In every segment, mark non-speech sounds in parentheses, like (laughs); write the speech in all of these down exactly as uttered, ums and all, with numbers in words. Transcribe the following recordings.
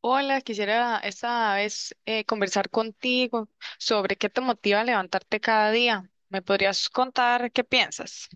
Hola, quisiera esta vez eh, conversar contigo sobre qué te motiva a levantarte cada día. ¿Me podrías contar qué piensas?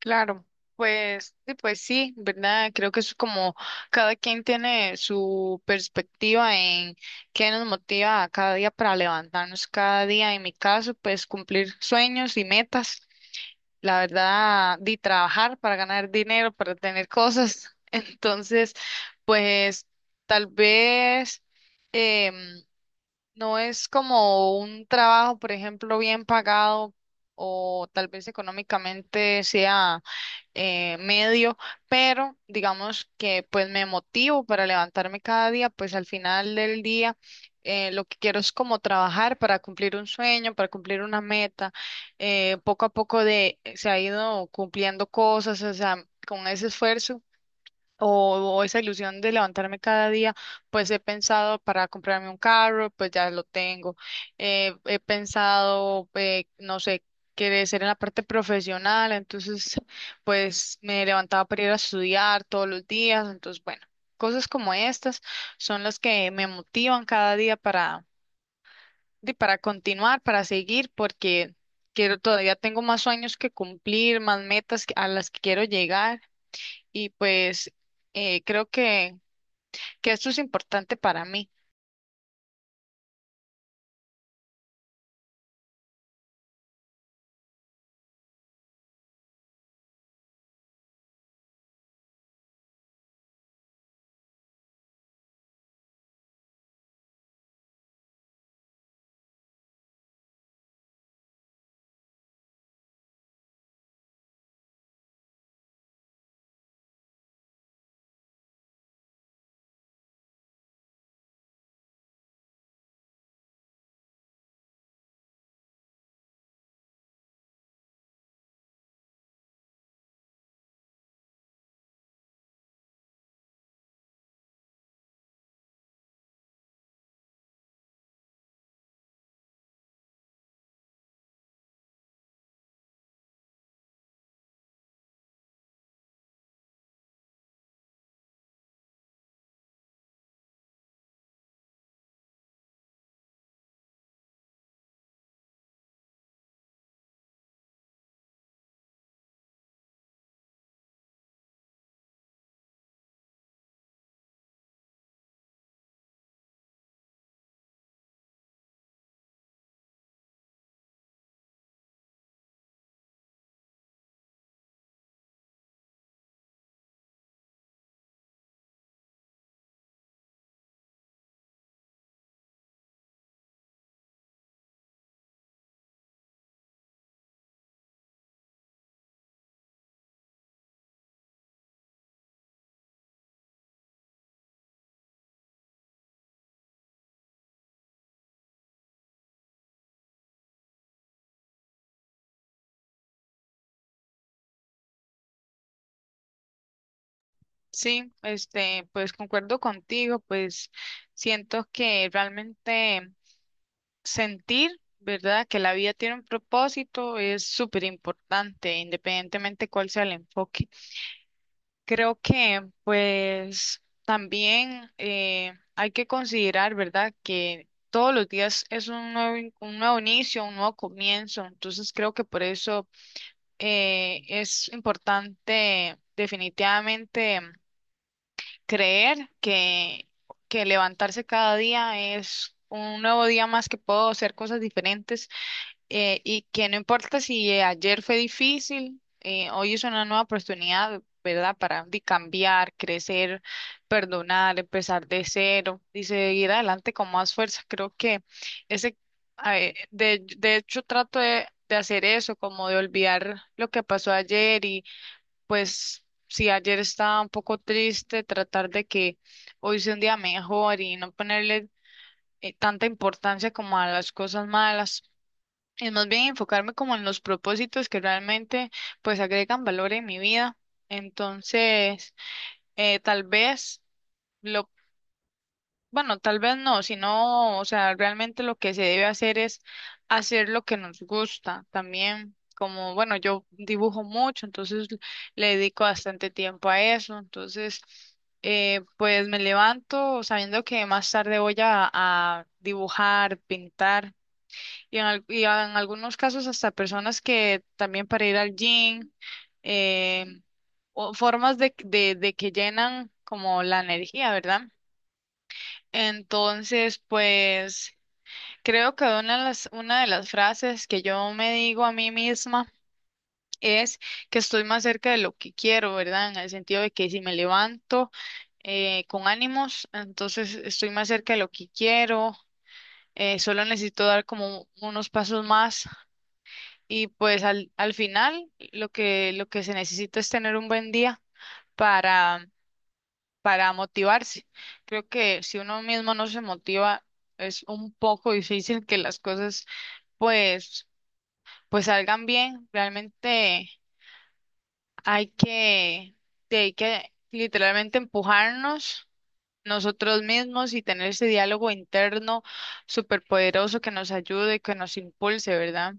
Claro, pues, sí, pues sí, ¿verdad? Creo que es como cada quien tiene su perspectiva en qué nos motiva a cada día para levantarnos cada día. En mi caso, pues cumplir sueños y metas. La verdad, de trabajar para ganar dinero, para tener cosas. (laughs) Entonces, pues tal vez em, no es como un trabajo, por ejemplo, bien pagado o tal vez económicamente sea eh, medio, pero digamos que pues me motivo para levantarme cada día, pues al final del día eh, lo que quiero es como trabajar para cumplir un sueño, para cumplir una meta, eh, poco a poco de, se ha ido cumpliendo cosas, o sea, con ese esfuerzo o, o esa ilusión de levantarme cada día, pues he pensado para comprarme un carro, pues ya lo tengo. Eh, he pensado, eh, no sé, crecer en la parte profesional, entonces pues me levantaba para ir a estudiar todos los días, entonces bueno, cosas como estas son las que me motivan cada día para, de- para continuar, para seguir, porque quiero, todavía tengo más sueños que cumplir, más metas que- a las que quiero llegar y pues eh, creo que que esto es importante para mí. Sí, este, pues concuerdo contigo, pues siento que realmente sentir, ¿verdad? Que la vida tiene un propósito es súper importante, independientemente cuál sea el enfoque. Creo que pues también eh, hay que considerar, ¿verdad? Que todos los días es un nuevo, in- un nuevo inicio, un nuevo comienzo. Entonces creo que por eso eh, es importante definitivamente. Creer que, que levantarse cada día es un nuevo día más que puedo hacer cosas diferentes, eh, y que no importa si eh, ayer fue difícil, eh, hoy es una nueva oportunidad, ¿verdad? Para di, cambiar, crecer, perdonar, empezar de cero y seguir adelante con más fuerza. Creo que ese, a ver, de, de hecho, trato de... de hacer eso, como de olvidar lo que pasó ayer, pues si ayer estaba un poco triste, tratar de que hoy sea un día mejor y no ponerle eh, tanta importancia como a las cosas malas. Es más bien enfocarme como en los propósitos que realmente pues agregan valor en mi vida. Entonces, eh, tal vez lo bueno, tal vez no, sino, o sea, realmente lo que se debe hacer es hacer lo que nos gusta también. Como, bueno, yo dibujo mucho, entonces le dedico bastante tiempo a eso. Entonces, eh, pues me levanto sabiendo que más tarde voy a, a dibujar, pintar, y en, al- y en algunos casos hasta personas que también para ir al gym, eh, o formas de, de de que llenan como la energía, ¿verdad? Entonces, pues creo que una de las, una de las frases que yo me digo a mí misma es que estoy más cerca de lo que quiero, ¿verdad? En el sentido de que si me levanto eh, con ánimos, entonces estoy más cerca de lo que quiero, eh, solo necesito dar como unos pasos más y pues al, al final lo que, lo que se necesita es tener un buen día para motivarse. Creo que si uno mismo no se motiva, es un poco difícil que las cosas pues pues salgan bien. Realmente hay que sí, hay que literalmente empujarnos nosotros mismos y tener ese diálogo interno superpoderoso que nos ayude, que nos impulse, ¿verdad?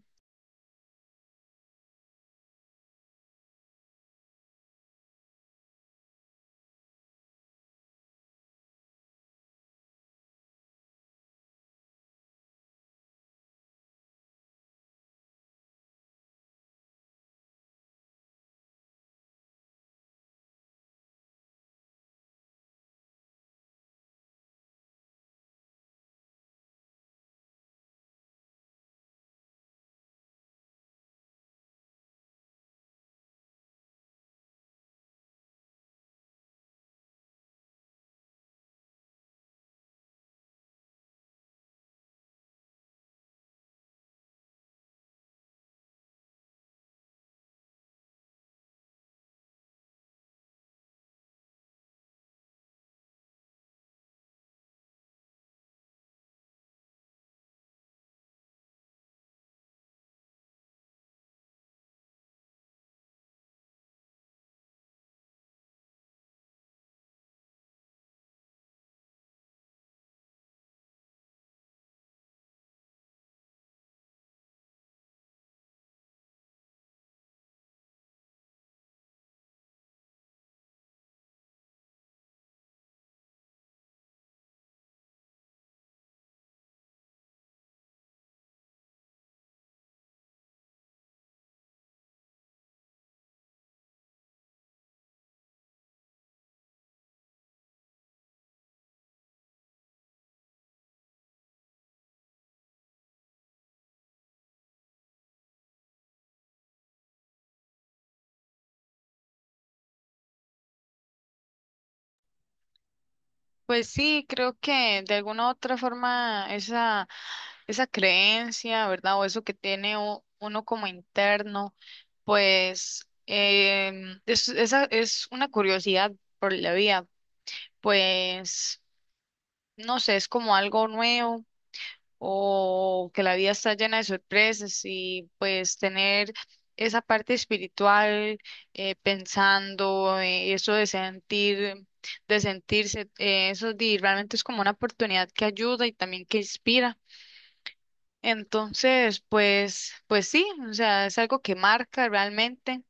Pues sí, creo que de alguna u otra forma esa, esa creencia, ¿verdad? O eso que tiene u- uno como interno, pues em, es, esa es una curiosidad por la vida, pues no sé, es como algo nuevo o que la vida está llena de sorpresas y pues tener esa parte espiritual, eh, pensando, eh, eso de sentir, de sentirse, eh, eso de- realmente es como una oportunidad que ayuda y también que inspira. Entonces, pues, pues sí, o sea, es algo que marca realmente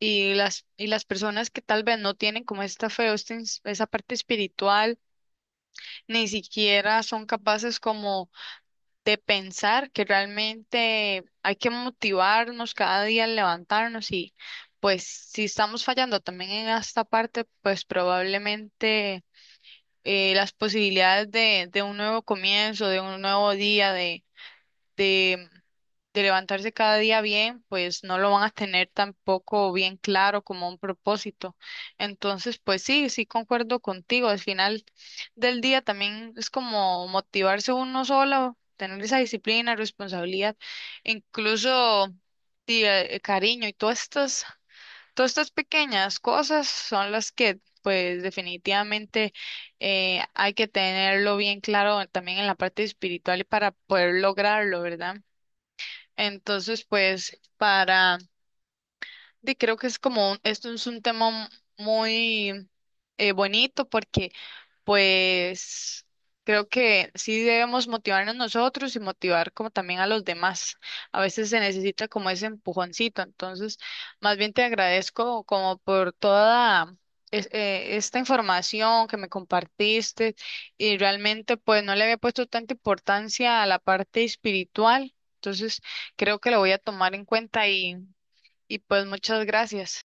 y las, y las personas que tal vez no tienen como esta fe o esta ins- esa parte espiritual, ni siquiera son capaces como de pensar que realmente hay que motivarnos cada día al levantarnos y pues si estamos fallando también en esta parte, pues probablemente eh, las posibilidades de, de un nuevo comienzo, de un nuevo día, de, de levantarse cada día bien, pues no lo van a tener tampoco bien claro como un propósito. Entonces, pues sí, sí concuerdo contigo. Al final del día también es como motivarse uno solo, tener esa disciplina, responsabilidad, incluso sí, eh, cariño y todas estas, todas estas pequeñas cosas son las que pues definitivamente eh, hay que tenerlo bien claro también en la parte espiritual y para poder lograrlo, ¿verdad? Entonces, pues, para, di, creo que es como, un- esto es un tema m- muy eh, bonito porque pues creo que sí debemos motivarnos nosotros y motivar como también a los demás. A veces se necesita como ese empujoncito. Entonces, más bien te agradezco como por toda es- eh, esta información que me compartiste y realmente pues no le había puesto tanta importancia a la parte espiritual. Entonces, creo que lo voy a tomar en cuenta y, y pues muchas gracias.